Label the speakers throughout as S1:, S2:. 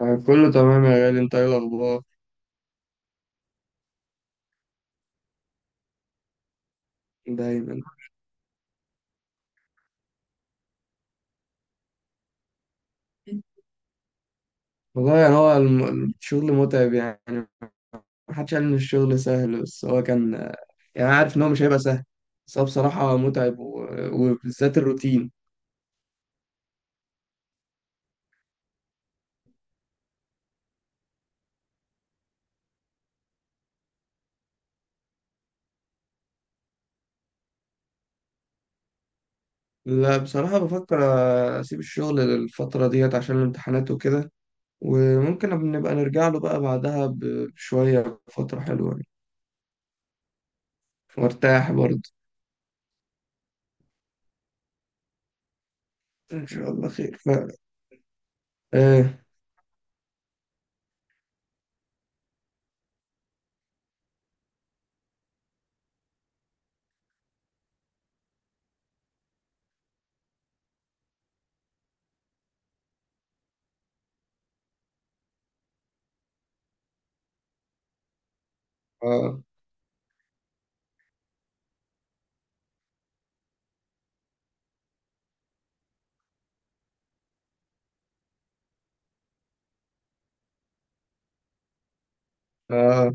S1: يعني كله تمام يا غالي، انت ايه الاخبار؟ دايما. والله يعني هو الشغل متعب يعني. محدش قال ان الشغل سهل، بس هو كان، يعني أنا عارف ان هو مش هيبقى سهل، بس هو بصراحة متعب و... وبالذات الروتين. لا بصراحة بفكر اسيب الشغل للفترة ديت عشان الامتحانات وكده، وممكن نبقى نرجع له بقى بعدها ب- بشوية فترة حلوة يعني، وارتاح برضه. ان شاء الله خير ايه. اه. اه.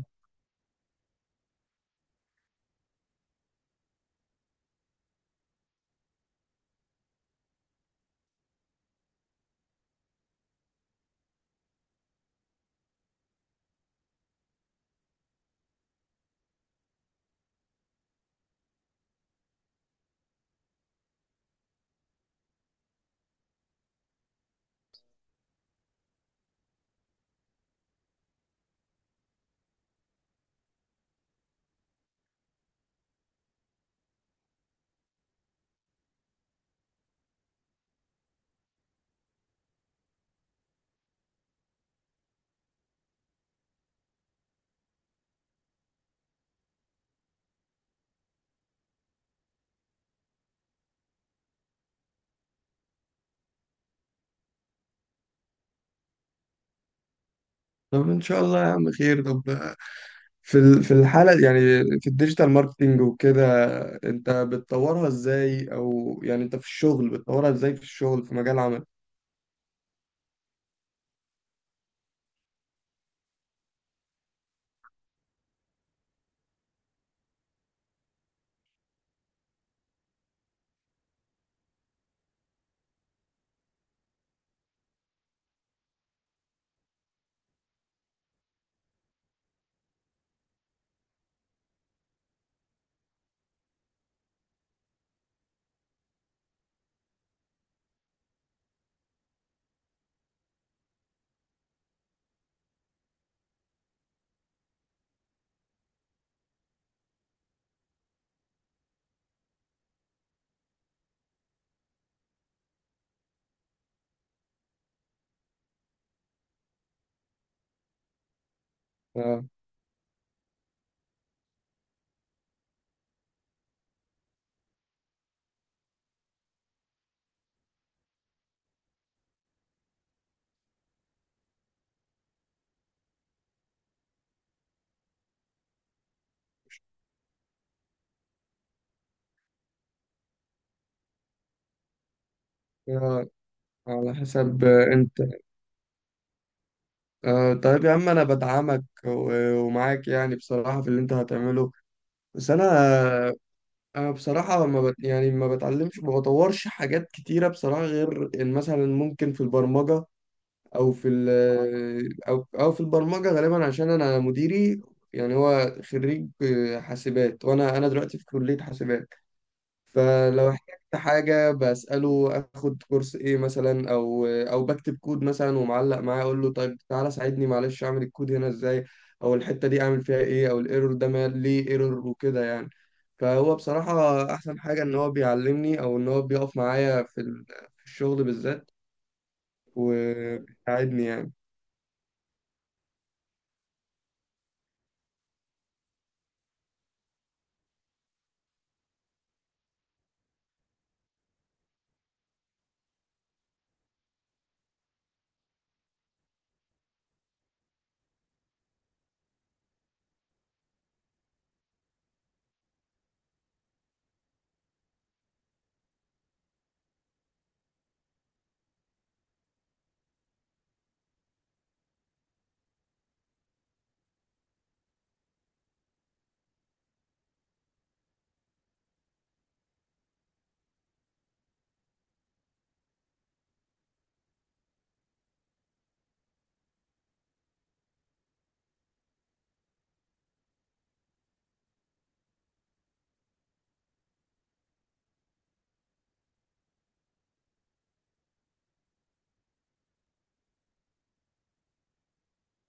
S1: طب ان شاء الله يا عم خير. طب في الحالة يعني، في الديجيتال ماركتينج وكده، انت بتطورها ازاي؟ او يعني انت في الشغل بتطورها ازاي في الشغل في مجال عمل؟ آه، آه، على حسب انت. طيب يا عم انا بدعمك و- ومعاك يعني بصراحة في اللي انت هتعمله. بس انا بصراحة، ما بت يعني ما بتعلمش، ما بطورش حاجات كتيرة بصراحة، غير ان مثلا ممكن في البرمجة، او في ال او او في البرمجه غالبا عشان انا مديري يعني هو خريج حاسبات، وانا دلوقتي في كليه حاسبات. فلو احتجت حاجه بساله اخد كورس ايه مثلا، او بكتب كود مثلا ومعلق معاه، اقول له طيب تعالى ساعدني معلش، اعمل الكود هنا ازاي؟ او الحته دي اعمل فيها ايه؟ او الايرور ده ليه ايرور وكده يعني. فهو بصراحه احسن حاجه ان هو بيعلمني، او ان هو بيقف معايا في الشغل بالذات، وبيساعدني يعني.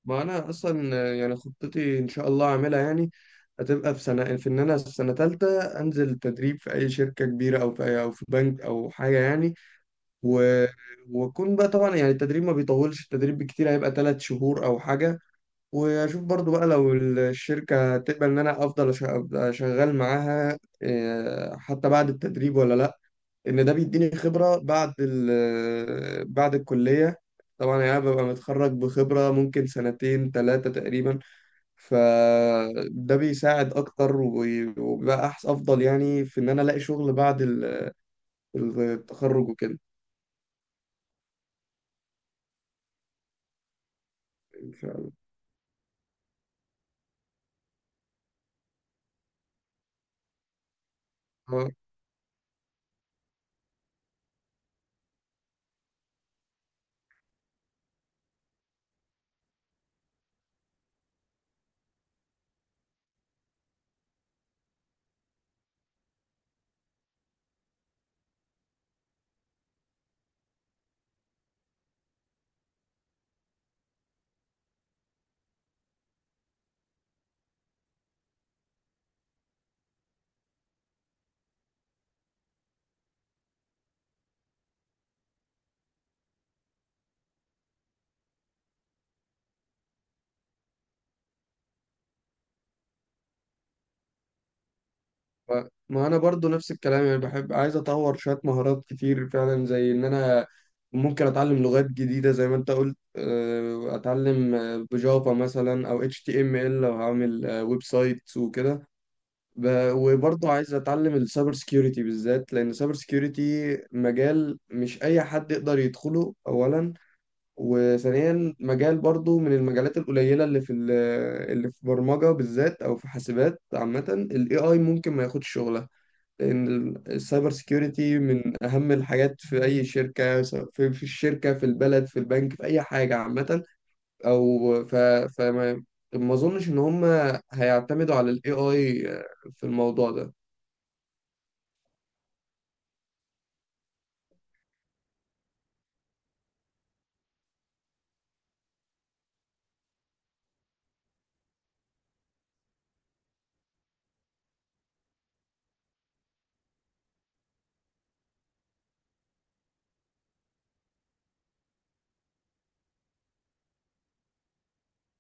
S1: ما انا اصلا يعني خطتي ان شاء الله اعملها يعني هتبقى في سنه ثالثه انزل تدريب في اي شركه كبيره، او في بنك او حاجه يعني. و... واكون بقى طبعا يعني، التدريب ما بيطولش، التدريب بالكتير هيبقى 3 شهور او حاجه. واشوف برضو بقى لو الشركه هتقبل ان انا افضل أبقى شغال معاها حتى بعد التدريب ولا لا. ان ده بيديني خبرة بعد الكلية. طبعا يعني أنا ببقى متخرج بخبرة ممكن سنتين ثلاثة تقريبا، فده بيساعد أكتر وبي- وبيبقى أحسن أفضل يعني في إن أنا ألاقي شغل التخرج وكده. ف- ما انا برضو نفس الكلام يعني، بحب عايز اطور شوية مهارات كتير فعلا، زي ان انا ممكن اتعلم لغات جديدة زي ما انت قلت، اتعلم بجافا مثلا، او HTML لو هعمل ويب سايت وكده. ب- وبرضو عايز اتعلم السايبر سكيورتي بالذات، لان السايبر سكيورتي مجال مش اي حد يقدر يدخله اولا. وثانيا، مجال برضو من المجالات القليلة اللي في برمجة بالذات او في حاسبات عامة، الاي اي ممكن ما ياخدش شغلها. ان السايبر سيكيورتي من اهم الحاجات في اي شركه، سواء في الشركه، في البلد، في البنك، في اي حاجه عامه، او ف فما ما اظنش ان هم هيعتمدوا على الاي اي في الموضوع ده.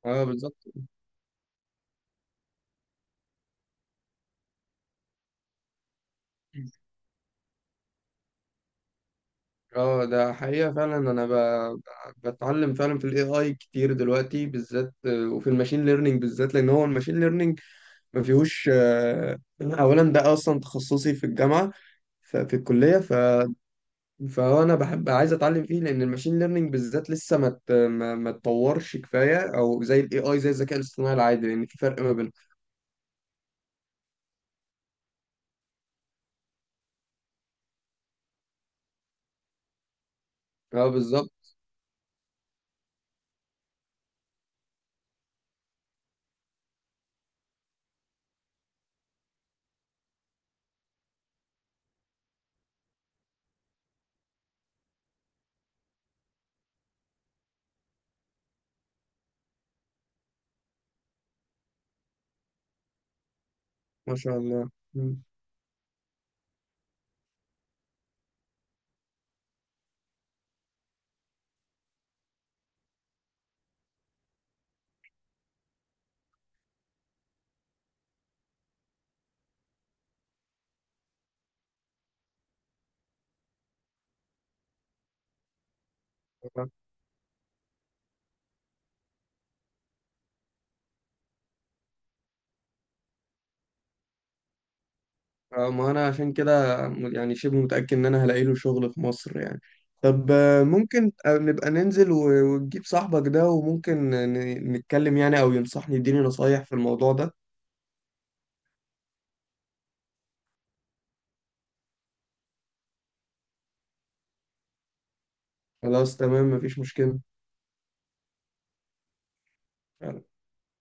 S1: اه بالظبط. اه ده حقيقة، فعلا انا ب... ب- بتعلم فعلا في الاي اي كتير دلوقتي بالذات، وفي الماشين ليرنينج بالذات، لان هو الماشين ليرنينج ما فيهوش. اولا ده اصلا تخصصي في الجامعة، في الكلية. فانا بحب عايز اتعلم فيه، لان الماشين ليرنينج بالذات لسه ما ت- ما ما اتطورش كفايه او زي الاي اي زي الذكاء الاصطناعي العادي، لان في فرق ما بينهم. اه بالظبط. ما شاء الله. مم. اه ما انا عشان كده يعني شبه متاكد ان انا هلاقي له شغل في مصر يعني. طب ممكن نبقى ننزل و- وتجيب صاحبك ده، وممكن ن- نتكلم يعني، او ينصحني يديني نصايح في الموضوع ده. خلاص تمام، مفيش مشكله.